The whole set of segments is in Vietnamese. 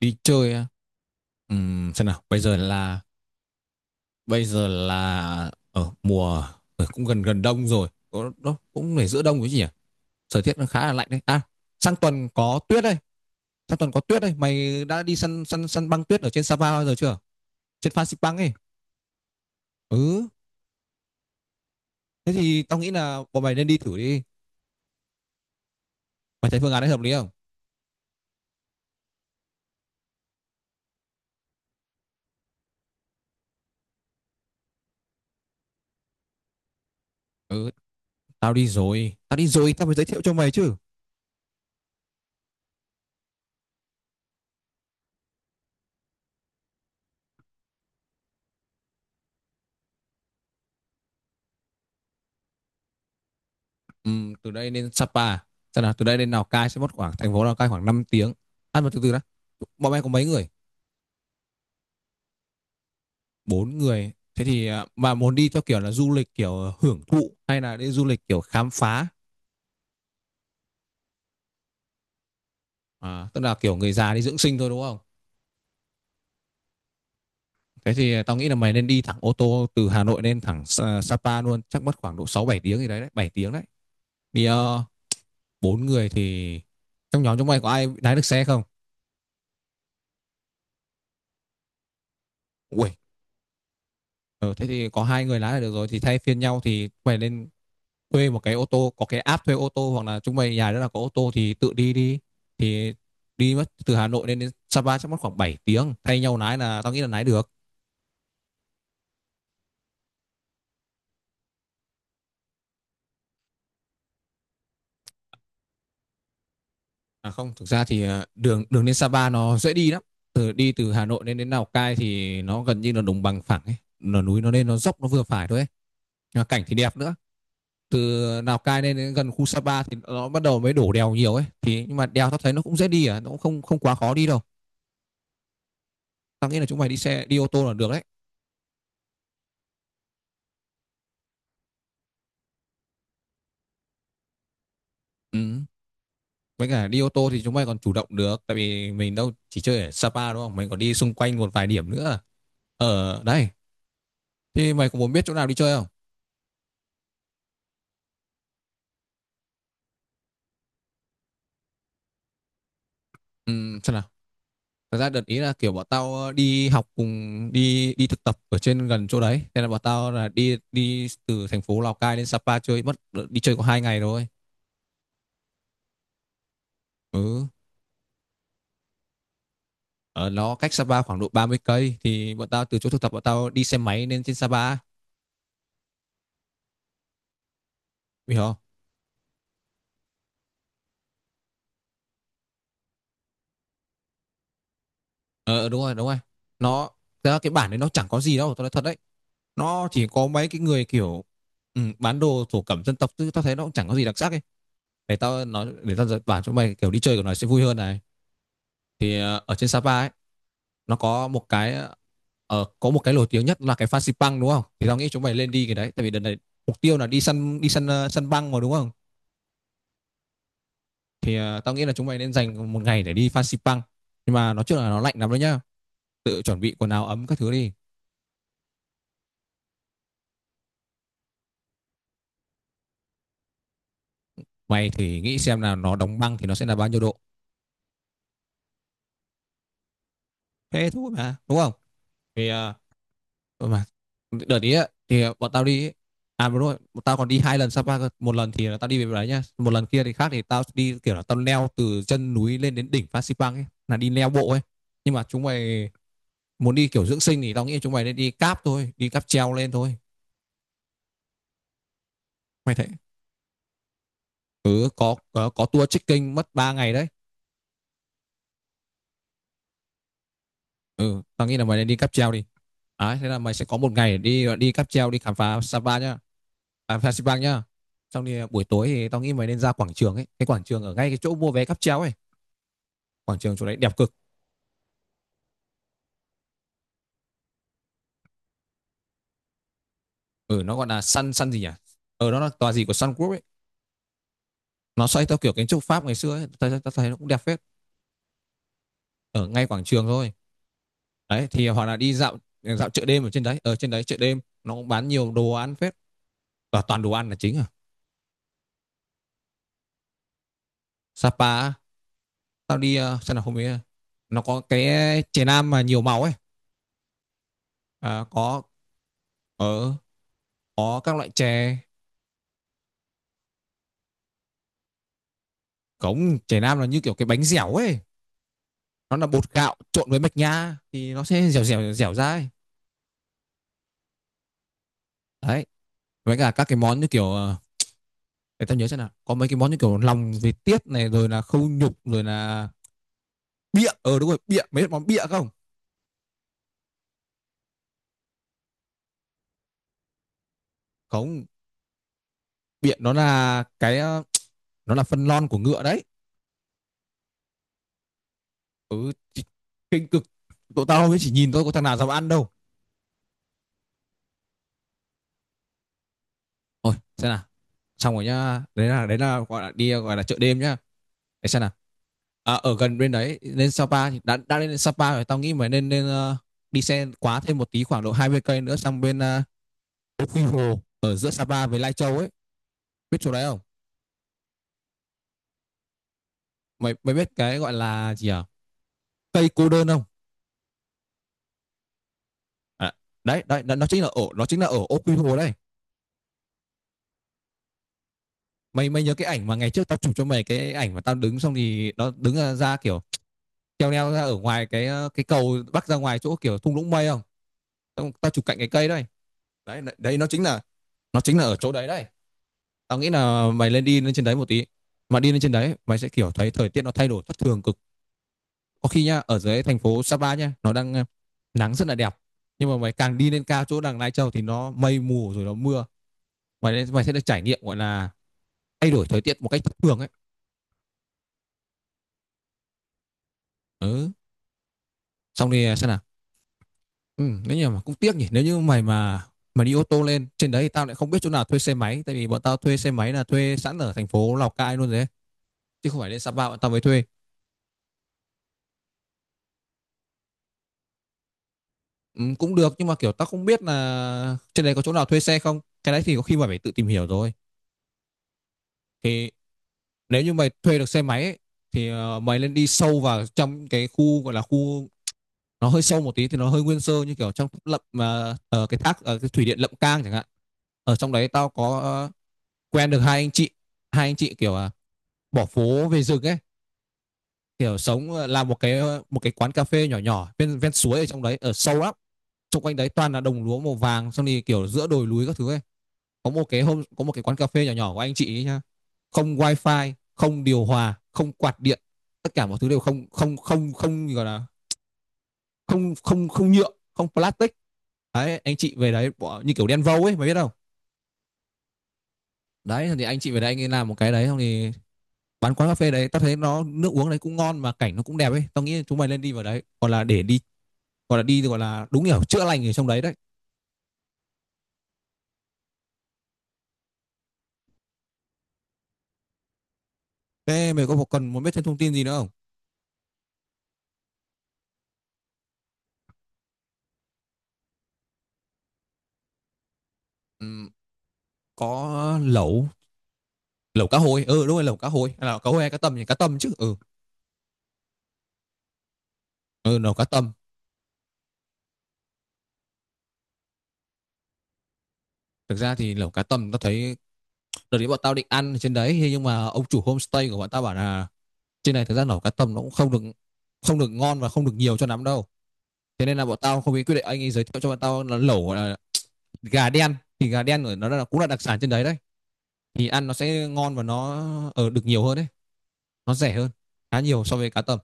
Đi chơi á. Xem nào bây giờ là ở mùa cũng gần gần đông rồi. Nó cũng phải giữa đông rồi chứ nhỉ. Thời tiết nó khá là lạnh đấy à. sang tuần có tuyết đây Sang tuần có tuyết đây. Mày đã đi săn săn săn băng tuyết ở trên Sapa bao giờ chưa, trên Phan Xipang ấy? Ừ, thế thì tao nghĩ là bọn mày nên đi thử đi. Mày thấy phương án đấy hợp lý không? Ừ, tao đi rồi tao mới giới thiệu cho mày chứ. Từ đây lên Sapa, xem nào, từ đây lên Lào Cai sẽ mất khoảng, thành phố Lào Cai, khoảng 5 tiếng. Ăn một, từ từ đã. Bọn em có mấy người? 4 người, thế thì à, mà muốn đi theo kiểu là du lịch kiểu hưởng thụ hay là đi du lịch kiểu khám phá? À, tức là kiểu người già đi dưỡng sinh thôi đúng không? Thế thì tao nghĩ là mày nên đi thẳng ô tô từ Hà Nội lên thẳng Sapa luôn, chắc mất khoảng độ 6 7 tiếng gì đấy đấy, 7 tiếng đấy. Vì 4 người thì, trong nhóm chúng mày có ai lái được xe không? Ui, ờ, thế thì có 2 người lái là được rồi, thì thay phiên nhau, thì mày lên thuê một cái ô tô, có cái app thuê ô tô, hoặc là chúng mày nhà đó là có ô tô thì tự đi đi. Thì đi mất từ Hà Nội lên đến Sapa chắc mất khoảng 7 tiếng, thay nhau lái là tao nghĩ là lái được. À không, thực ra thì đường đường lên Sapa nó dễ đi lắm. Từ từ Hà Nội lên đến Lào Cai thì nó gần như là đồng bằng phẳng ấy, là núi nó lên nó dốc nó vừa phải thôi ấy. Cảnh thì đẹp nữa. Từ Lào Cai lên đến gần khu Sapa thì nó bắt đầu mới đổ đèo nhiều ấy, thì nhưng mà đèo tao thấy nó cũng dễ đi à, nó cũng không không quá khó đi đâu. Tao nghĩ là chúng mày đi xe đi ô tô là được đấy. Ừ. Với cả đi ô tô thì chúng mày còn chủ động được, tại vì mình đâu chỉ chơi ở Sapa đúng không, mình còn đi xung quanh một vài điểm nữa ở đây. Thì mày có muốn biết chỗ nào đi chơi không? Ừ, xem nào, thật ra đợt ý là kiểu bọn tao đi học cùng đi đi thực tập ở trên gần chỗ đấy, nên là bọn tao là đi đi từ thành phố Lào Cai lên Sapa chơi mất, đi chơi có 2 ngày rồi. Ừ, ở nó cách Sapa khoảng độ 30 cây, thì bọn tao từ chỗ thực tập bọn tao đi xe máy lên trên Sapa, hiểu không? Ờ đúng rồi, đúng rồi. Nó, thật ra cái bản đấy nó chẳng có gì đâu, tao nói thật đấy. Nó chỉ có mấy cái người kiểu bán đồ thổ cẩm dân tộc, chứ tao thấy nó cũng chẳng có gì đặc sắc ấy. Để tao nói, để tao bảo cho mày kiểu đi chơi của nó sẽ vui hơn này. Thì ở trên Sapa ấy, nó có một cái có một cái nổi tiếng nhất là cái Fansipan Pang đúng không, thì tao nghĩ chúng mày lên đi cái đấy, tại vì đợt này mục tiêu là đi săn, đi săn săn băng mà đúng không. Thì tao nghĩ là chúng mày nên dành 1 ngày để đi Fansipan Pang. Nhưng mà nói chung là nó lạnh lắm đấy nhá, tự chuẩn bị quần áo ấm các thứ đi. Mày thì nghĩ xem là nó đóng băng thì nó sẽ là bao nhiêu độ, thế thôi mà đúng không. Thì ừ mà, đợt ý á thì bọn tao đi ấy. À đúng rồi, bọn tao còn đi 2 lần Sapa cơ, một lần thì là tao đi về đấy nhá, một lần kia thì khác, thì tao đi kiểu là tao leo từ chân núi lên đến đỉnh Phan Xipang ấy, là đi leo bộ ấy. Nhưng mà chúng mày muốn đi kiểu dưỡng sinh thì tao nghĩ chúng mày nên đi cáp thôi, đi cáp treo lên thôi. Mày thấy ừ có tour trekking mất 3 ngày đấy. Ừ tao nghĩ là mày nên đi cáp treo đi. Đấy, thế là mày sẽ có 1 ngày để đi đi cáp treo đi khám phá Sapa nhá, à, phá Sipang nhá. Xong thì à, buổi tối thì tao nghĩ mày nên ra quảng trường ấy, cái quảng trường ở ngay cái chỗ mua vé cáp treo ấy, quảng trường chỗ đấy đẹp cực. Ừ nó gọi là Sun Sun gì nhỉ, ừ nó là tòa gì của Sun Group ấy. Nó xoay theo kiểu kiến trúc Pháp ngày xưa ấy, tao tao tao thấy nó cũng đẹp phết, ở ngay quảng trường thôi. Đấy thì à, hoặc là đi dạo dạo chợ đêm ở trên đấy, ở trên đấy chợ đêm nó cũng bán nhiều đồ ăn phết, và toàn đồ ăn là chính à. Sapa á, tao đi xem nào không biết, nó có cái chè nam mà nhiều màu ấy. À, có, ở có các loại chè. Cống chè nam là như kiểu cái bánh dẻo ấy, nó là bột gạo trộn với mạch nha thì nó sẽ dẻo dẻo dẻo ra ấy. Đấy, với cả các cái món như kiểu để tao nhớ xem nào, có mấy cái món như kiểu lòng vịt tiết này, rồi là khâu nhục, rồi là bịa, đúng rồi bịa, mấy món bịa không? Không, bịa nó là cái nó là phân lon của ngựa đấy. Ừ kinh cực, tụi tao mới chỉ nhìn thôi có thằng nào dám ăn đâu. Ôi, xem nào, xong rồi nhá, đấy là, đấy là gọi là đi, gọi là chợ đêm nhá. Để xem nào, à, ở gần bên đấy lên Sapa thì đã lên Sapa rồi tao nghĩ mà nên nên đi xe quá thêm một tí khoảng độ 20 cây nữa sang bên Quy Hồ ở giữa Sapa với Lai Châu ấy, biết chỗ đấy không? Mày mày biết cái gọi là gì à, cây cô đơn không? À, đấy đấy, nó, chính là ở, nó chính là ở Ô Quy Hồ đây. Mày mày nhớ cái ảnh mà ngày trước tao chụp cho mày, cái ảnh mà tao đứng xong thì nó đứng ra, ra kiểu treo leo ra ở ngoài cái cái cầu bắc ra ngoài chỗ kiểu thung lũng mây không? Tao chụp cạnh cái cây đấy. Đấy đấy, nó chính là, nó chính là ở chỗ đấy đấy. Tao nghĩ là mày lên đi lên trên đấy một tí. Mà đi lên trên đấy mày sẽ kiểu thấy thời tiết nó thay đổi thất thường cực. Có khi nhá, ở dưới thành phố Sapa nhá nó đang nắng rất là đẹp, nhưng mà mày càng đi lên cao chỗ đằng Lai Châu thì nó mây mù rồi nó mưa. Mày mày sẽ được trải nghiệm gọi là thay đổi thời tiết một cách thất thường ấy. Ừ, xong thì xem nào, ừ nếu như mà cũng tiếc nhỉ, nếu như mày mà đi ô tô lên trên đấy thì tao lại không biết chỗ nào thuê xe máy, tại vì bọn tao thuê xe máy là thuê sẵn ở thành phố Lào Cai luôn rồi, chứ không phải lên Sapa bọn tao mới thuê. Ừ, cũng được nhưng mà kiểu tao không biết là trên đấy có chỗ nào thuê xe không, cái đấy thì có khi mày phải tự tìm hiểu rồi. Thì nếu như mày thuê được xe máy ấy, thì mày nên đi sâu vào trong cái khu gọi là khu, nó hơi sâu một tí thì nó hơi nguyên sơ như kiểu trong lậm mà cái thác cái thủy điện Lậm Cang chẳng hạn. Ở trong đấy tao có quen được 2 anh chị, hai anh chị kiểu à, bỏ phố về rừng ấy, kiểu sống làm một cái một cái quán cà phê nhỏ nhỏ ven ven suối ở trong đấy ở sâu lắm. Xung quanh đấy toàn là đồng lúa màu vàng, xong thì kiểu giữa đồi núi các thứ ấy. Có một cái hôm có một cái quán cà phê nhỏ nhỏ của anh chị ấy nhá, không wifi, không điều hòa, không quạt điện, tất cả mọi thứ đều không, không gọi là, không không không nhựa, không plastic. Đấy anh chị về đấy bỏ như kiểu đen vâu ấy, mày biết không. Đấy thì anh chị về đấy, anh ấy làm một cái đấy, xong thì bán quán cà phê đấy, tao thấy nó nước uống đấy cũng ngon mà cảnh nó cũng đẹp ấy, tao nghĩ chúng mày nên đi vào đấy gọi là để đi, gọi là đi, gọi là đúng hiểu chữa lành ở trong đấy đấy. Thế mày có cần muốn biết thêm thông tin gì nữa không? Ừ, có lẩu, lẩu cá hồi, ừ đúng rồi lẩu cá hồi, hay cá tầm thì cá tầm chứ ừ. Ừ lẩu cá tầm, thực ra thì lẩu cá tầm tao thấy, đợt đấy bọn tao định ăn ở trên đấy nhưng mà ông chủ homestay của bọn tao bảo là trên này thực ra lẩu cá tầm nó cũng không được, không được ngon và không được nhiều cho lắm đâu. Thế nên là bọn tao không biết quyết định, anh ấy giới thiệu cho bọn tao là lẩu gọi là gà đen, thì gà đen ở nó là cũng là đặc sản trên đấy đấy, thì ăn nó sẽ ngon và nó ở được nhiều hơn đấy, nó rẻ hơn khá nhiều so với cá tầm.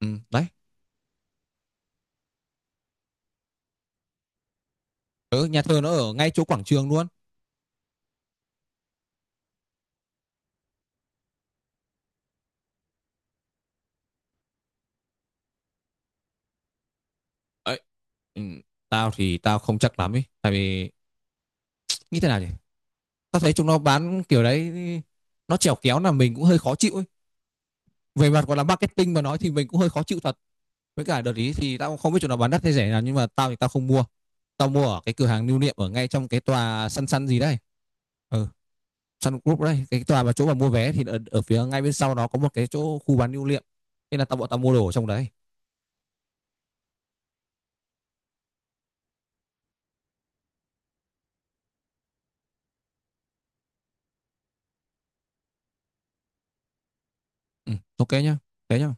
Ừ, đấy. Ừ, nhà thờ nó ở ngay chỗ quảng trường luôn. Ấy ừ, tao không chắc lắm ấy, tại vì như thế nào nhỉ, tao thấy chúng nó bán kiểu đấy, nó chèo kéo là mình cũng hơi khó chịu ấy, về mặt gọi là marketing mà nói thì mình cũng hơi khó chịu thật. Với cả đợt ý thì tao cũng không biết chúng nó bán đắt hay rẻ nào, nhưng mà tao không mua. Tao mua ở cái cửa hàng lưu niệm ở ngay trong cái tòa săn săn gì đấy, ừ Sun Group đấy, cái tòa mà chỗ mà mua vé thì ở, ở phía ngay bên sau nó có một cái chỗ khu bán lưu niệm, nên là bọn tao mua đồ ở trong đấy. Ừ, ok nhá, thế nhá.